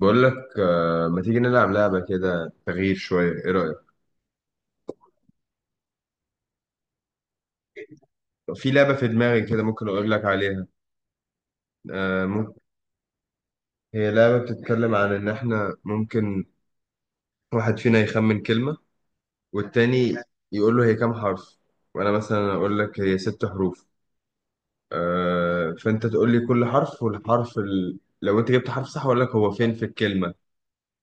بقول لك ما تيجي نلعب لعبة كده تغيير شوية، ايه رأيك؟ في لعبة في دماغي كده، ممكن اقول لك عليها. آه، ممكن. هي لعبة بتتكلم عن ان احنا ممكن واحد فينا يخمن كلمة والتاني يقول له هي كام حرف، وانا مثلا اقول لك هي ست حروف. فانت تقول لي كل حرف لو انت جبت حرف صح اقول لك هو فين في الكلمة،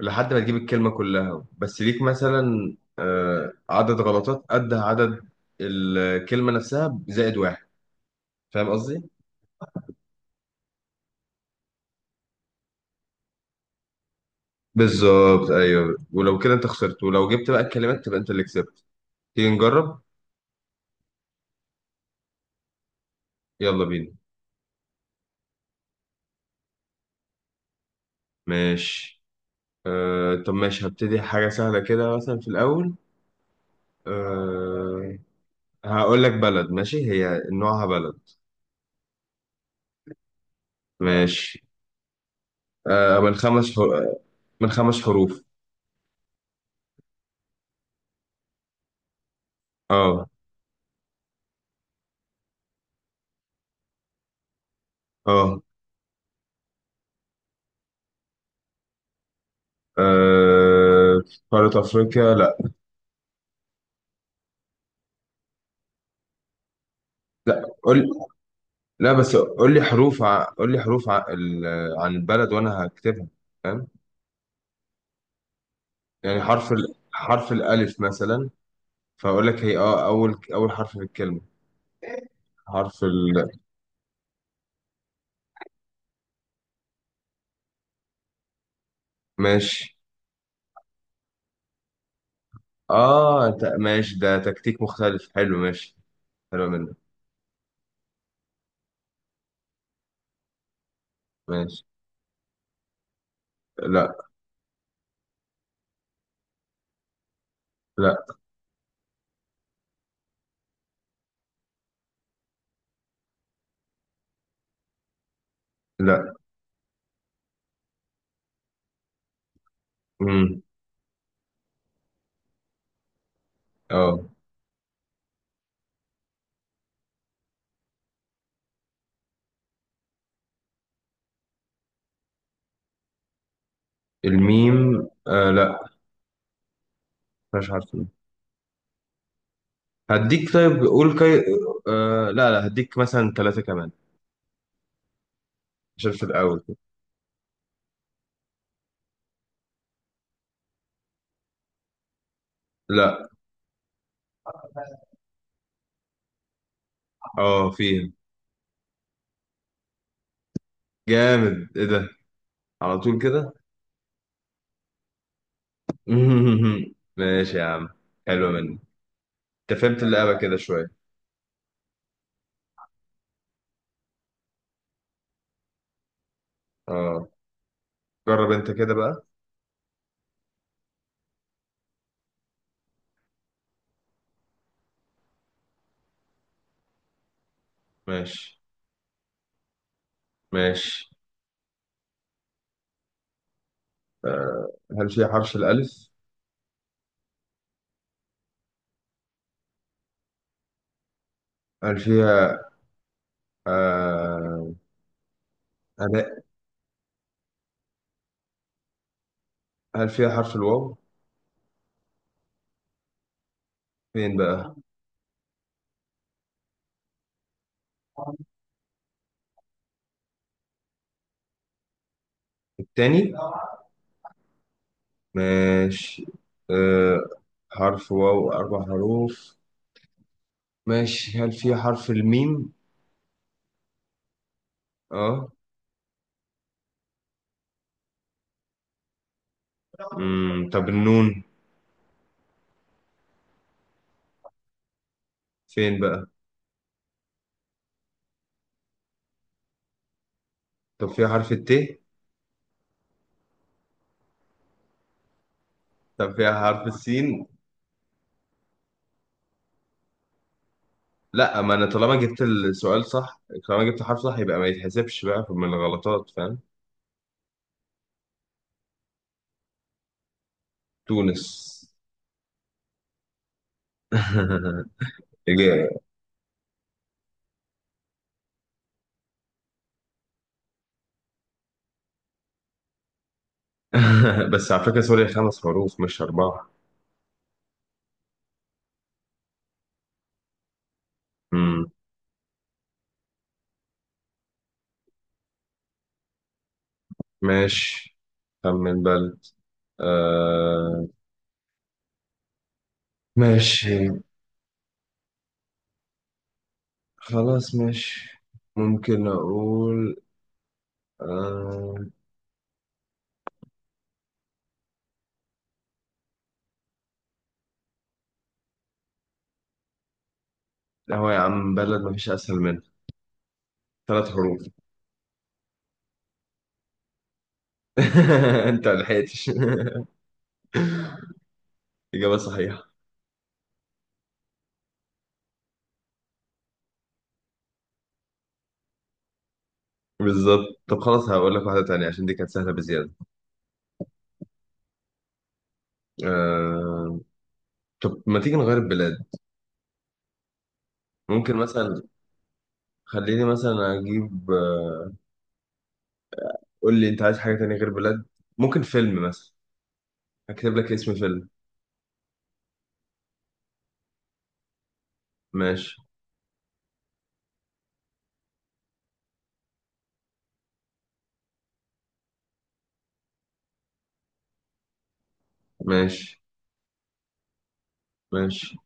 لحد ما تجيب الكلمة كلها. بس ليك مثلا عدد غلطات قد عدد الكلمة نفسها زائد واحد. فاهم قصدي؟ بالظبط، ايوه، ولو كده انت خسرت، ولو جبت بقى الكلمات تبقى انت اللي كسبت. تيجي نجرب. يلا بينا. ماشي. طب ماشي، هبتدي حاجة سهلة كده مثلا في الأول. آه، هقول لك بلد. ماشي، هي نوعها بلد. ماشي. آه من خمس حر... من خمس حروف. اه اه. آه، قارة أفريقيا، لا. لا، قول. لا، بس قول لي حروف عن البلد، وأنا هكتبها. فاهم؟ يعني حرف الألف مثلا، فأقول لك هي أول حرف في الكلمة. حرف ال. ماشي. ماشي، ده تكتيك مختلف حلو. ماشي. حلو منك. ماشي. لا. لا لا. امم. اه. الميم، لا. مش عارف الميم. هديك طيب قول كي... آه، لا لا، هديك مثلا ثلاثة كمان عشان في الأول كده. لا. اه فيها. جامد، ايه ده؟ على طول كده. ماشي يا عم. حلو منك. انت فهمت اللعبة كده شوية. اه. جرب انت كده بقى. ماشي. ماشي، هل فيها حرف الألف؟ هل فيها آه... أداء؟ هل فيها حرف الواو؟ فين بقى؟ التاني؟ ماشي. آه... حرف واو، أربع حروف. ماشي، هل فيها حرف الميم؟ اه. مم. طب النون. فين بقى؟ طب فيها حرف الت؟ طب فيها حرف السين؟ لا، ما أنا طالما جبت السؤال صح. طالما جبت حرف صح يبقى ما يتحسبش بقى من الغلطات، فاهم؟ تونس. إجابة. بس على فكرة، سوريا خمس حروف مش أربعة. مم. ماشي. خمن بلد. آه. ماشي. خلاص ماشي. ممكن أقول. آه. هو يا عم، بلد مفيش أسهل منها. ثلاث حروف. أنت ملحقتش. إجابة صحيحة. بالظبط. طب خلاص، هقول لك واحدة تانية عشان دي كانت سهلة بزيادة. آه... طب ما تيجي نغير البلاد. ممكن مثلا. خليني مثلا أجيب. قول لي انت عايز حاجة تانية غير بلاد. ممكن فيلم مثلا. هكتب لك اسم فيلم. ماشي. ماشي. ماشي.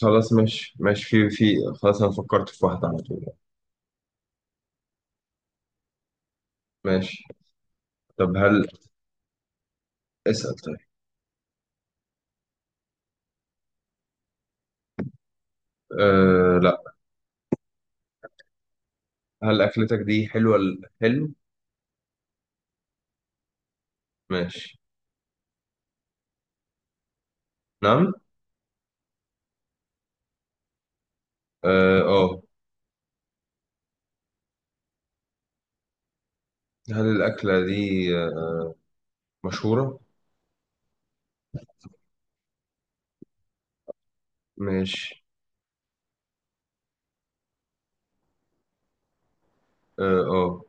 خلاص، ماشي ماشي، في خلاص انا فكرت في واحدة على طول. ماشي. طب هل... اسأل، طيب. أه لا. هل أكلتك دي حلوة الحلم؟ ماشي. نعم. اه. هل الأكلة دي آه، مشهورة؟ ماشي. اه اه.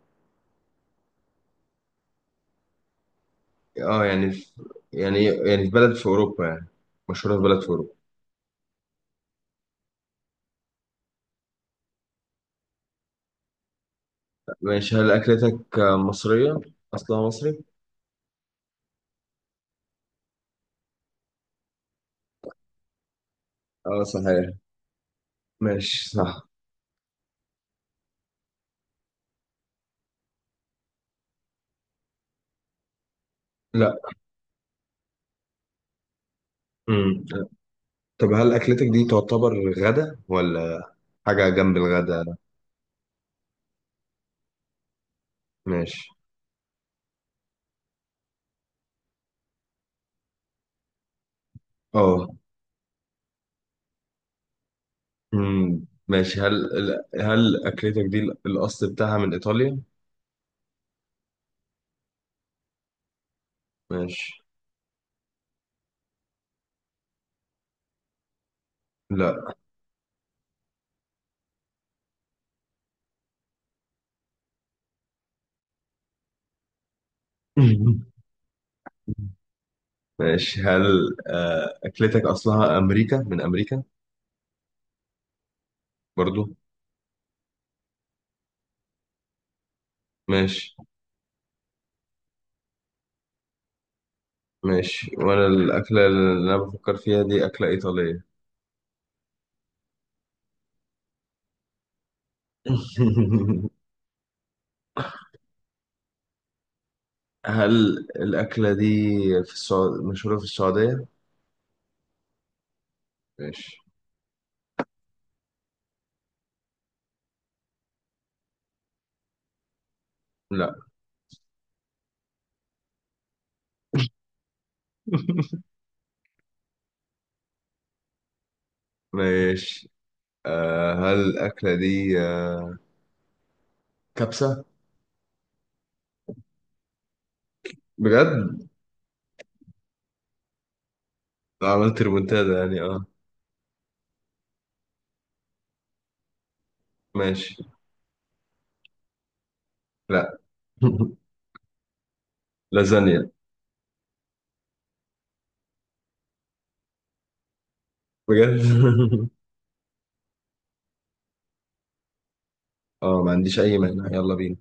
يعني في، يعني في بلد في أوروبا يعني، مشهورة في بلد في أوروبا. ماشي، هل أكلتك مصرية، أصلها مصري؟ اه صحيح. ماشي، صح. لا. امم طب هل اكلتك دي تعتبر غدا، ولا حاجه جنب الغدا؟ ماشي. اه. ماشي، هل اكلتك دي الاصل بتاعها من ايطاليا؟ ماشي. لا. ماشي، هل اكلتك اصلها امريكا، من امريكا؟ برضو. ماشي. ماشي، وانا الاكله اللي انا بفكر فيها دي اكله ايطاليه. هل الاكله دي في السعوديه، مشهوره في السعوديه؟ ماشي. لا. ماشي. هل الأكلة دي كبسة؟ بجد؟ عملت ريمونتادا يعني؟ اه. ماشي. لا. لازانيا. بجد؟ اه، ما عنديش أي مانع، يلا بينا.